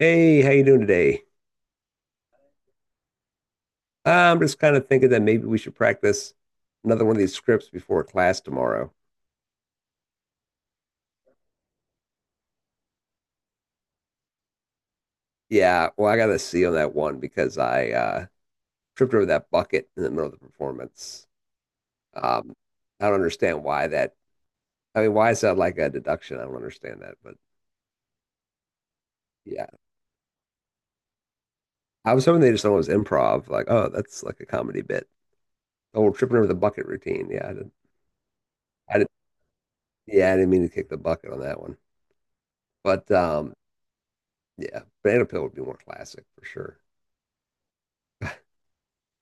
Hey, how you doing today? I'm just kind of thinking that maybe we should practice another one of these scripts before class tomorrow. Yeah, well, I got a C on that one because I tripped over that bucket in the middle of the performance. Um, I don't understand why that. I mean, why is that like a deduction? I don't understand that. But yeah, I was hoping they just thought it was improv. Like, oh, that's like a comedy bit. Oh, we're tripping over the bucket routine. Yeah, I didn't. I didn't. Yeah, I didn't mean to kick the bucket on that one. But yeah, banana peel would be more classic for sure.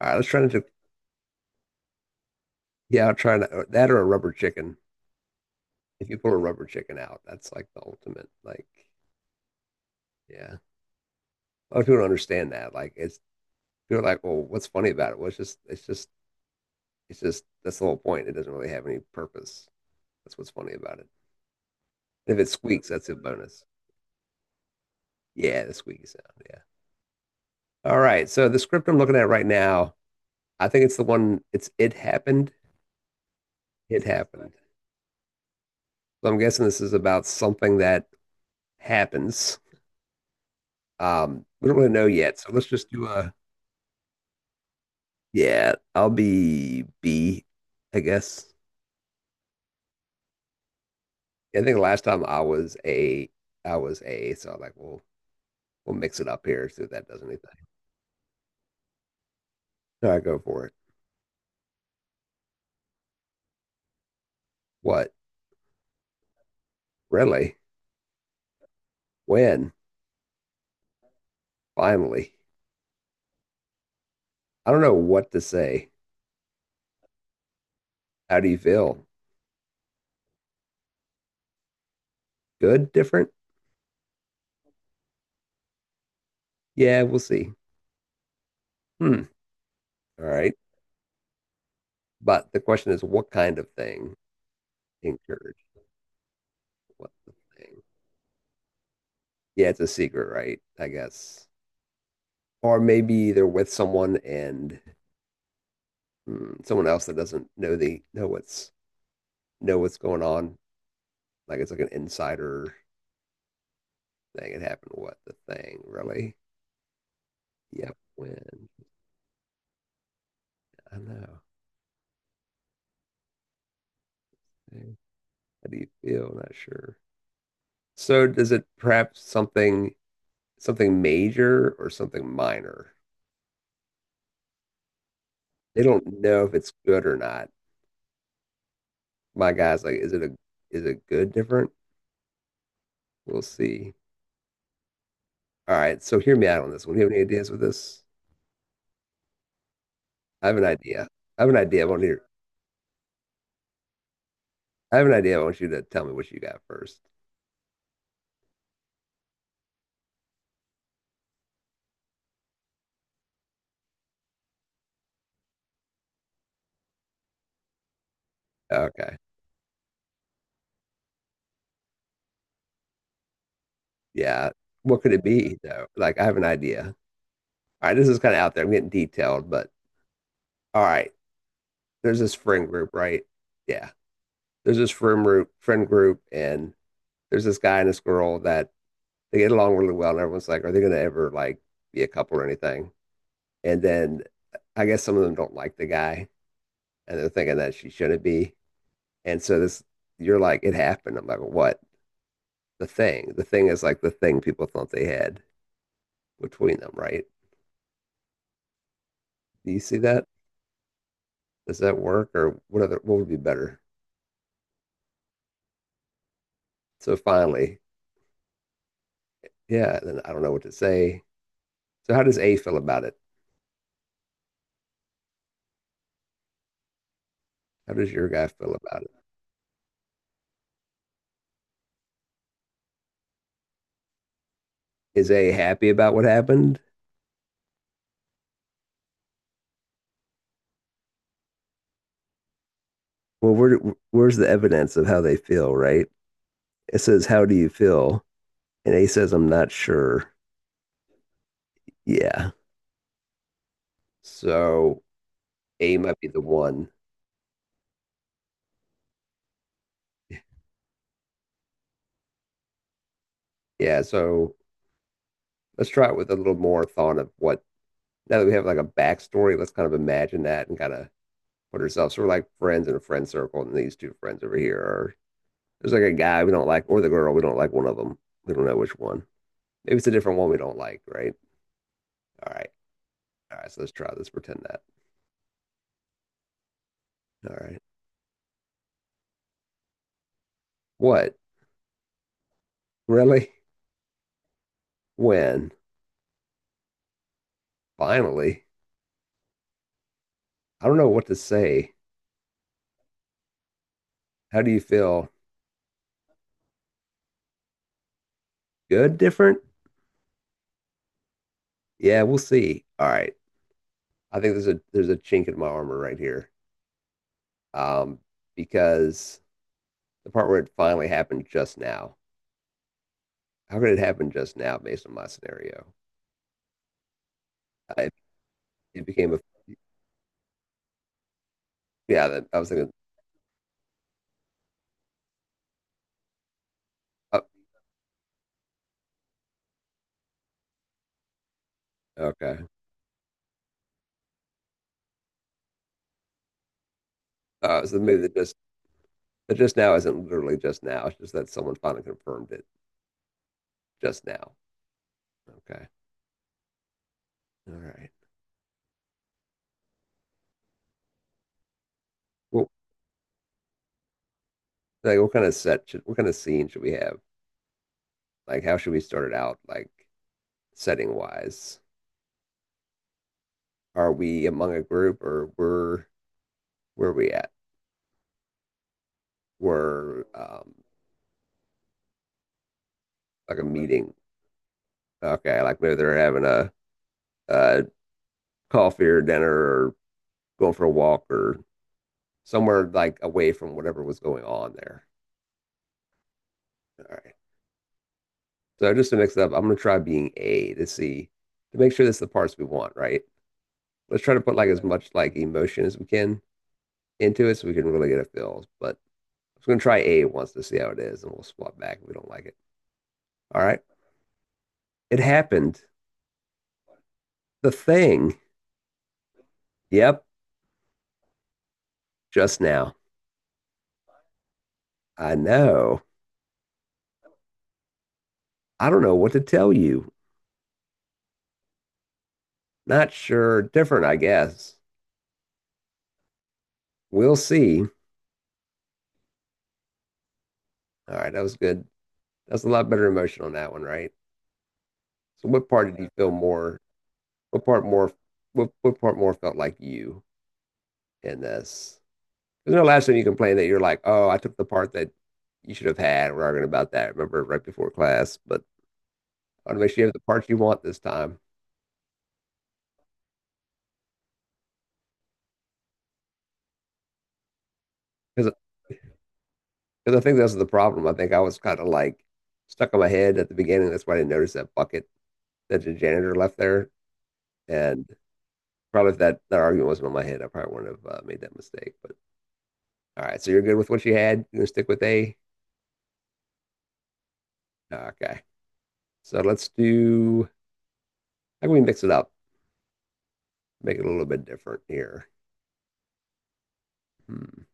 All right, let's try to do. Yeah, I'll try to that or a rubber chicken. If you pull a rubber chicken out, that's like the ultimate. Like, yeah, a lot of people don't understand that. Like, it's people are like, well, what's funny about it? Well, it's just that's the whole point. It doesn't really have any purpose. That's what's funny about it. If it squeaks, that's a bonus. Yeah, the squeaky sound. Yeah. All right. So the script I'm looking at right now, I think it's the one. It's it happened. It happened. So I'm guessing this is about something that happens. We don't really know yet. So let's just do a. Yeah, I'll be B, I guess. I think last time I was A, so I'm like, well, we'll mix it up here, see if that does anything. So I go for it. What? Really? When? Finally. I don't know what to say. How do you feel? Good? Different? Yeah, we'll see. Hmm. All right. But the question is, what kind of thing? Encourage. What the thing? Yeah, it's a secret, right? I guess. Or maybe they're with someone and someone else that doesn't know the know what's going on. Like it's like an insider thing. It happened. What the thing really? Yep. When I know. Okay. How do you feel? Not sure. So does it perhaps something major or something minor? They don't know if it's good or not. My guy's like, is it good different? We'll see. All right. So hear me out on this one. Do you have any ideas with this? I have an idea. I have an idea. I want you. I have an idea. I want you to tell me what you got first. Okay. Yeah. What could it be though? Like I have an idea. All right, this is kind of out there. I'm getting detailed, but all right. There's this friend group, right? Yeah. There's this friend group, and there's this guy and this girl that they get along really well, and everyone's like, are they gonna ever like be a couple or anything? And then I guess some of them don't like the guy, and they're thinking that she shouldn't be. And so this, you're like, it happened. I'm like, what? The thing. The thing is like the thing people thought they had between them, right? Do you see that? Does that work or what other what would be better? So finally, yeah, then I don't know what to say. So how does A feel about it? How does your guy feel about it? Is A happy about what happened? Well, where, where's the evidence of how they feel, right? It says, "How do you feel?" And A says, "I'm not sure." Yeah. So A might be the one. Yeah, so let's try it with a little more thought of what now that we have like a backstory, let's kind of imagine that and kind of put ourselves. So we're like friends in a friend circle, and these two friends over here are. There's like a guy we don't like, or the girl we don't like. One of them we don't know which one. Maybe it's a different one we don't like, right? All right, all right. So let's try this. Pretend that. All right. What? Really? When? Finally? I don't know what to say. How do you feel? Good? Different? Yeah, we'll see. All right. I think there's a chink in my armor right here. Um, because the part where it finally happened just now. How could it happen just now based on my scenario? I, it became a yeah. I was thinking. Oh, okay. So the movie that just now isn't literally just now. It's just that someone finally confirmed it just now. Okay. All right. Well, like, what kind of set should, what kind of scene should we have? Like, how should we start it out? Like, setting wise, are we among a group or we're where are we at? We're like a meeting. Okay, like maybe they're having a uh coffee or dinner or going for a walk or somewhere like away from whatever was going on there. All right. So just to mix it up, I'm gonna try being A to see to make sure that's the parts we want, right? Let's try to put like as much like emotion as we can into it so we can really get a feel. But I'm just gonna try A once to see how it is, and we'll swap back if we don't like it. All right. It happened. The thing. Yep, just now. I know. I don't know what to tell you. Not sure. Different, I guess. We'll see. All right, that was good. That's a lot better emotion on that one, right? So what part did you feel more. What part more? What part more felt like you in this? There's no last time you complained that you're like, oh, I took the part that you should have had. We're arguing about that. I remember right before class, but I want to make sure you have the part you want this time because I think that's the problem. I think I was kind of like stuck on my head at the beginning. That's why I didn't notice that bucket that the janitor left there. And probably if that, that argument wasn't on my head, I probably wouldn't have made that mistake. But all right, so you're good with what you had. You're gonna stick with A. Nah, okay, so let's do. How can we mix it up? Make it a little bit different here. Hmm.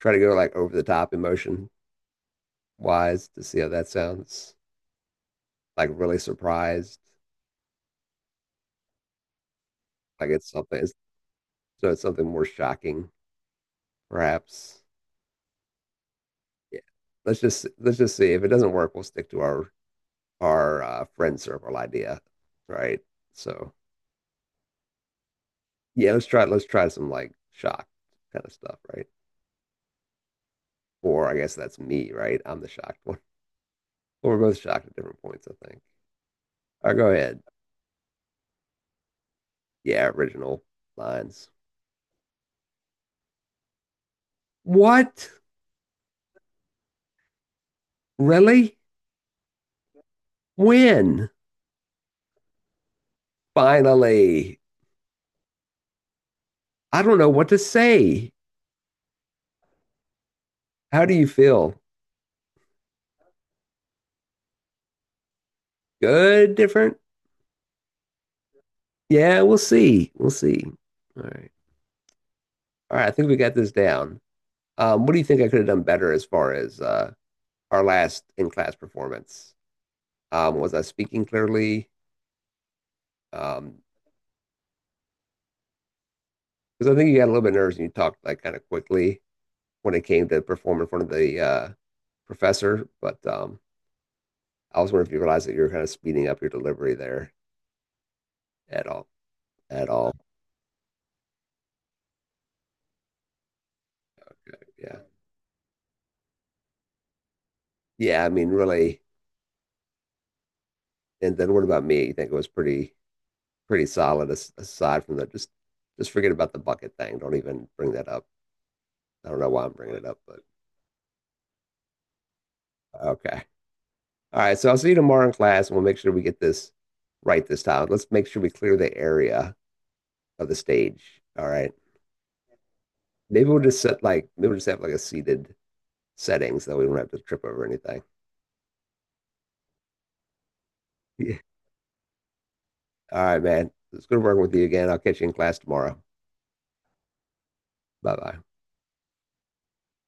Try to go like over the top emotion wise to see how that sounds. Like really surprised. Like it's something. It's, so it's something more shocking, perhaps. Yeah. Let's just see if it doesn't work. We'll stick to our friend circle idea, right? So yeah, let's try some like shock kind of stuff, right? Or I guess that's me, right? I'm the shocked one. Well, we're both shocked at different points, I think. All right, go ahead. Yeah, original lines. What? Really? When? Finally. I don't know what to say. How do you feel? Good? Different? Yeah, we'll see. We'll see. All right. All right. I think we got this down. What do you think I could have done better as far as our last in class performance? Was I speaking clearly? Um, because I think you got a little bit nervous and you talked like kind of quickly when it came to perform in front of the professor. But I was wondering if you realized that you were kind of speeding up your delivery there at all. at all. Yeah. Yeah. I mean, really. And then what about me? You think it was pretty, pretty solid as, aside from that? Just forget about the bucket thing. Don't even bring that up. I don't know why I'm bringing it up, but okay. All right. So I'll see you tomorrow in class and we'll make sure we get this right this time. Let's make sure we clear the area of the stage. All right. Maybe we'll just set like, maybe we'll just have like a seated setting so that we don't have to trip over anything. Yeah. All right, man. It's good working with you again. I'll catch you in class tomorrow. Bye bye.